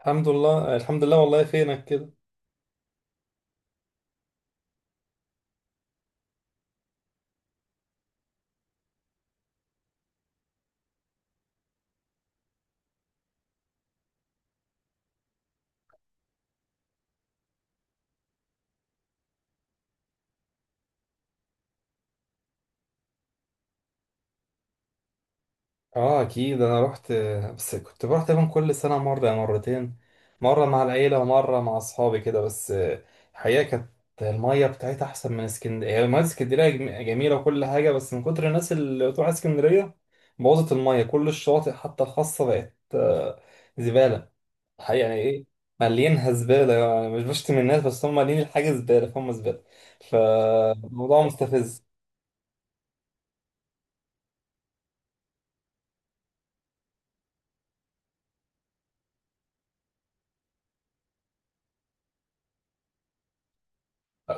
الحمد لله الحمد لله والله فينك كده؟ اه، اكيد انا رحت. بس كنت بروح تقريبا كل سنه مره أو مرتين، مره مع العيله ومره مع اصحابي كده بس. الحقيقه كانت الميه بتاعتها احسن من اسكندريه. يعني الميه في اسكندريه جميله وكل حاجه، بس من كتر الناس اللي بتروح اسكندريه بوظت الميه. كل الشواطئ حتى الخاصه بقت زباله. الحقيقه يعني ايه، مالينها زباله. يعني مش بشتم الناس، بس هم مالين الحاجه زباله فهم زباله. فالموضوع مستفز.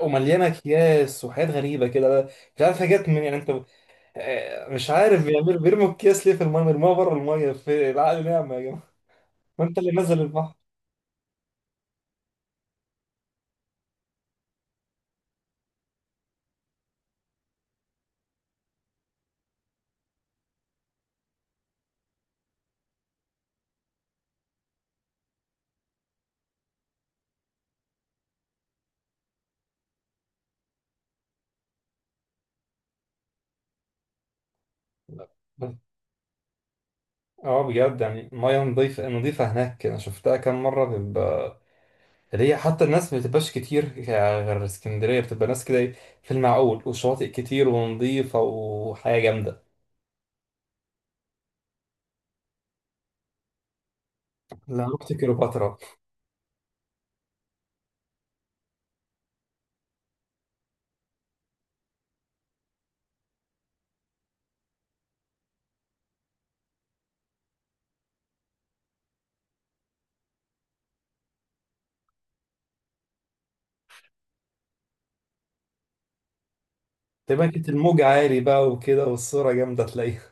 ومليانه اكياس وحاجات غريبه كده، مش عارف حاجات من يعني انت. مش عارف بيعملوا بيرموا الكيس ليه في الميه، بيرموها بره الميه. في العقل نعمه يا جماعه. ما انت اللي نزل البحر. اه بجد، يعني الميه نظيفه نظيفه هناك. انا شفتها كام مره بيبقى اللي هي حتى الناس ما بتبقاش كتير غير اسكندريه، بتبقى ناس كده إيه، في المعقول، وشواطئ كتير ونظيفه وحياه جامده. لا، رحت كليوباترا. تقريبا كانت الموج عالي بقى وكده، والصوره جامده تلاقيها.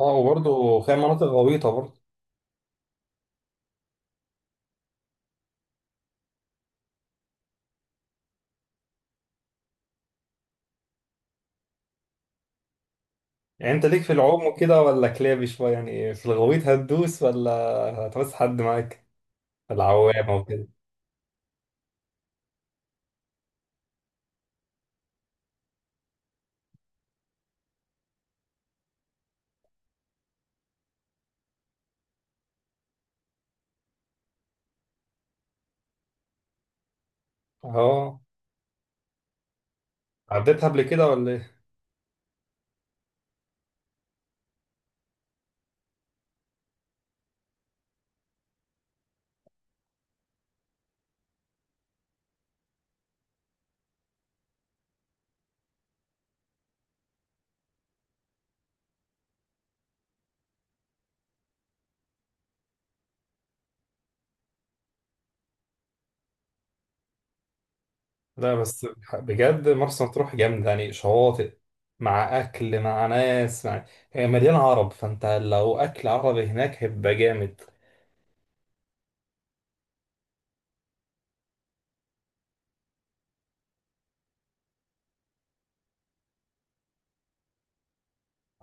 اه، وبرضه فيها مناطق غويطه برضه. يعني انت ليك في العوم وكده ولا كلابي شويه، يعني في الغويط هتدوس ولا هتبص حد معاك العوامه وكده؟ اه، عديتها قبل كده ولا ايه؟ لا بس، بجد مرسى مطروح جامده، يعني شواطئ مع اكل مع ناس مع، هي مليانه عرب، فانت لو اكل عربي هناك هيبقى جامد.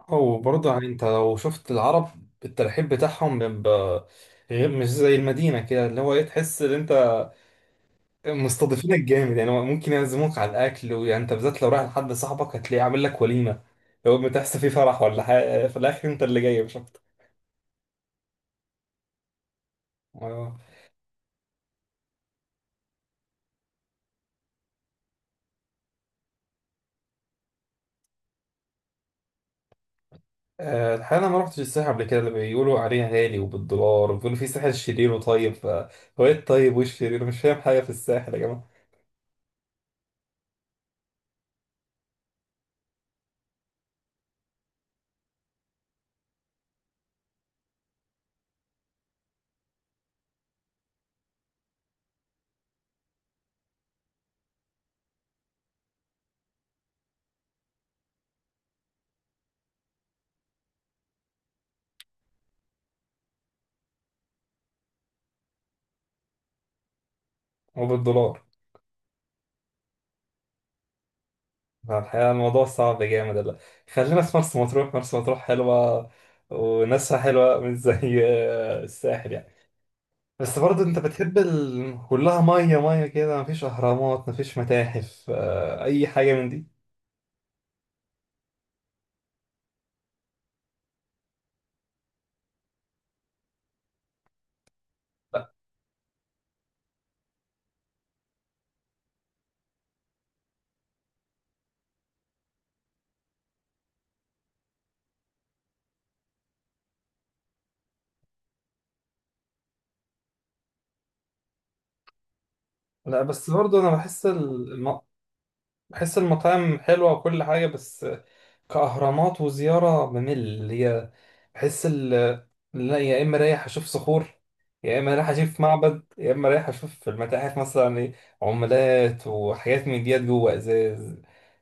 وبرضه يعني انت لو شفت العرب الترحيب بتاعهم بيبقى غير، مش زي المدينه كده، اللي هو ايه، تحس ان انت مستضيفينك جامد. يعني هو ممكن يعزموك على الاكل، ويعني انت بالذات لو رايح لحد صاحبك هتلاقيه عامل لك وليمه. لو بتحس فيه فرح ولا حاجه في الاخر انت اللي جاي مش اكتر. آه. الحقيقه انا ما رحتش الساحل قبل كده، اللي بيقولوا عليها غالي وبالدولار، وبيقولوا في ساحل شرير وطيب هو ايه الطيب وايه الشرير؟ أنا مش فاهم حاجه في الساحل يا جماعه. هو بالدولار؟ فالحقيقه الموضوع صعب جامد. لا، خلينا في مرسى مطروح. مرسى مطروح حلوه وناسها حلوه، مش زي الساحل يعني. بس برضه انت بتحب كلها ميه ميه كده، مفيش اهرامات مفيش متاحف اي حاجه من دي. لا بس برضه انا بحس المطاعم حلوه وكل حاجه. بس كأهرامات وزيارة بمل هي. بحس ال لا، يا إما رايح أشوف صخور، يا إما رايح أشوف معبد، يا إما رايح أشوف في المتاحف مثلا إيه، عملات وحاجات من ديت جوه إزاز.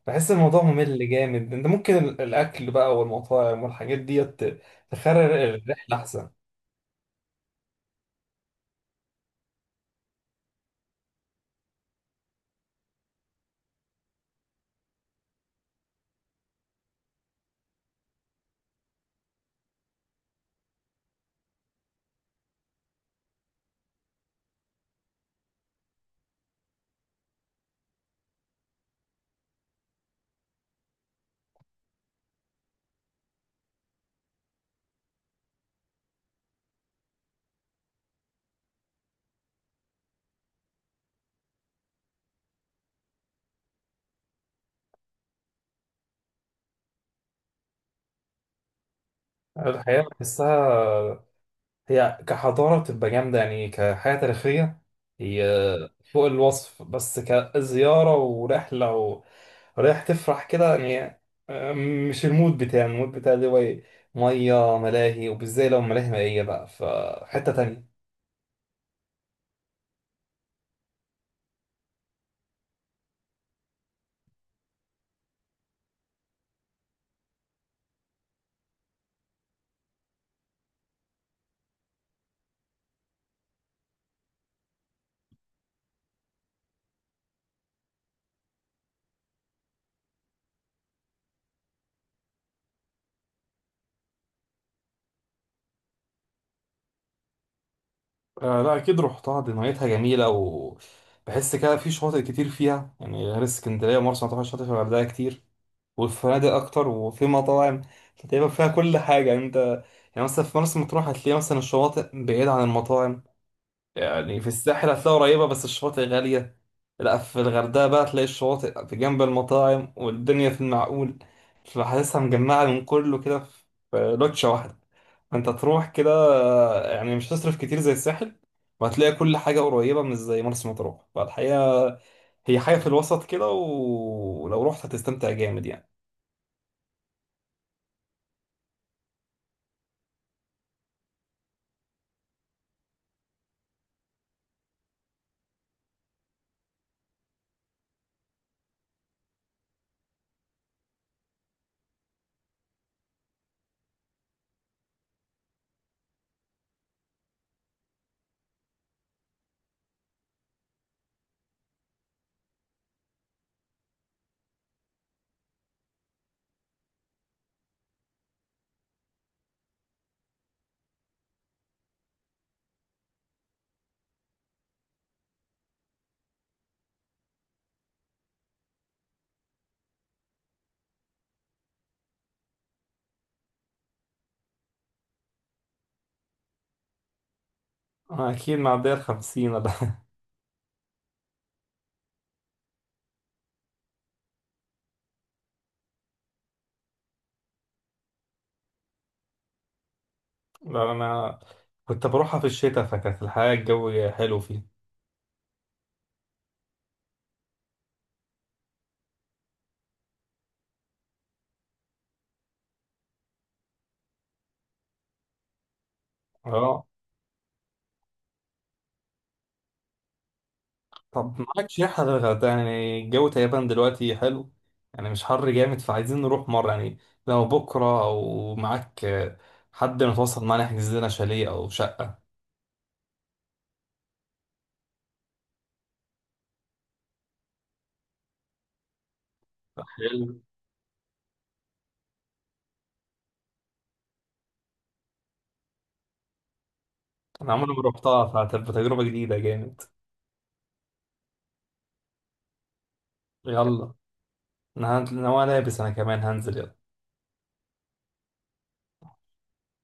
بحس الموضوع ممل جامد. أنت ممكن الأكل بقى والمطاعم والحاجات ديت تخرر الرحلة أحسن. الحياة بحسها هي كحضارة بتبقى جامدة، يعني كحياة تاريخية هي فوق الوصف، بس كزيارة ورحلة، ورايح تفرح كده يعني. آه، مش المود بتاعي. المود بتاعي اللي هو إيه؟ مية ملاهي، وبالذات لو ملاهي مائية بقى فحتة تانية. آه لا أكيد رحتها، دي ميتها جميلة. وبحس كده في شواطئ كتير فيها، يعني غير اسكندرية ومرسى مطروح، شاطئ في الغردقة كتير والفنادق اكتر وفي مطاعم. فتقريبا فيها كل حاجه، يعني انت يعني مثلا في مرسى مطروح هتلاقي مثلا الشواطئ بعيده عن المطاعم. يعني في الساحل هتلاقي قريبه بس الشواطئ غاليه. لا، في الغردقه بقى تلاقي الشواطئ في جنب المطاعم، والدنيا في المعقول. فحاسسها مجمعه من كله كده في لوتشه واحده. فانت تروح كده، يعني مش هتصرف كتير زي الساحل، وهتلاقي كل حاجه قريبه، مش زي مرسى مطروح. فالحقيقه هي حاجه في الوسط كده، ولو رحت هتستمتع جامد يعني. أكيد معدية 50 ولا لا أنا كنت بروحها في الشتاء، فكانت الحياة الجو حلو فيها. اه، طب معاك شيح على الغردقة؟ يعني الجو تقريبا دلوقتي حلو، يعني مش حر جامد. فعايزين نروح مرة يعني، لو بكرة أو معاك حد متواصل معانا يحجز لنا شاليه أو شقة. حلو، أنا عمري ما روحتها، فهتبقى تجربة جديدة جامد. يلا، أنا لابس، أنا كمان هنزل. يلا.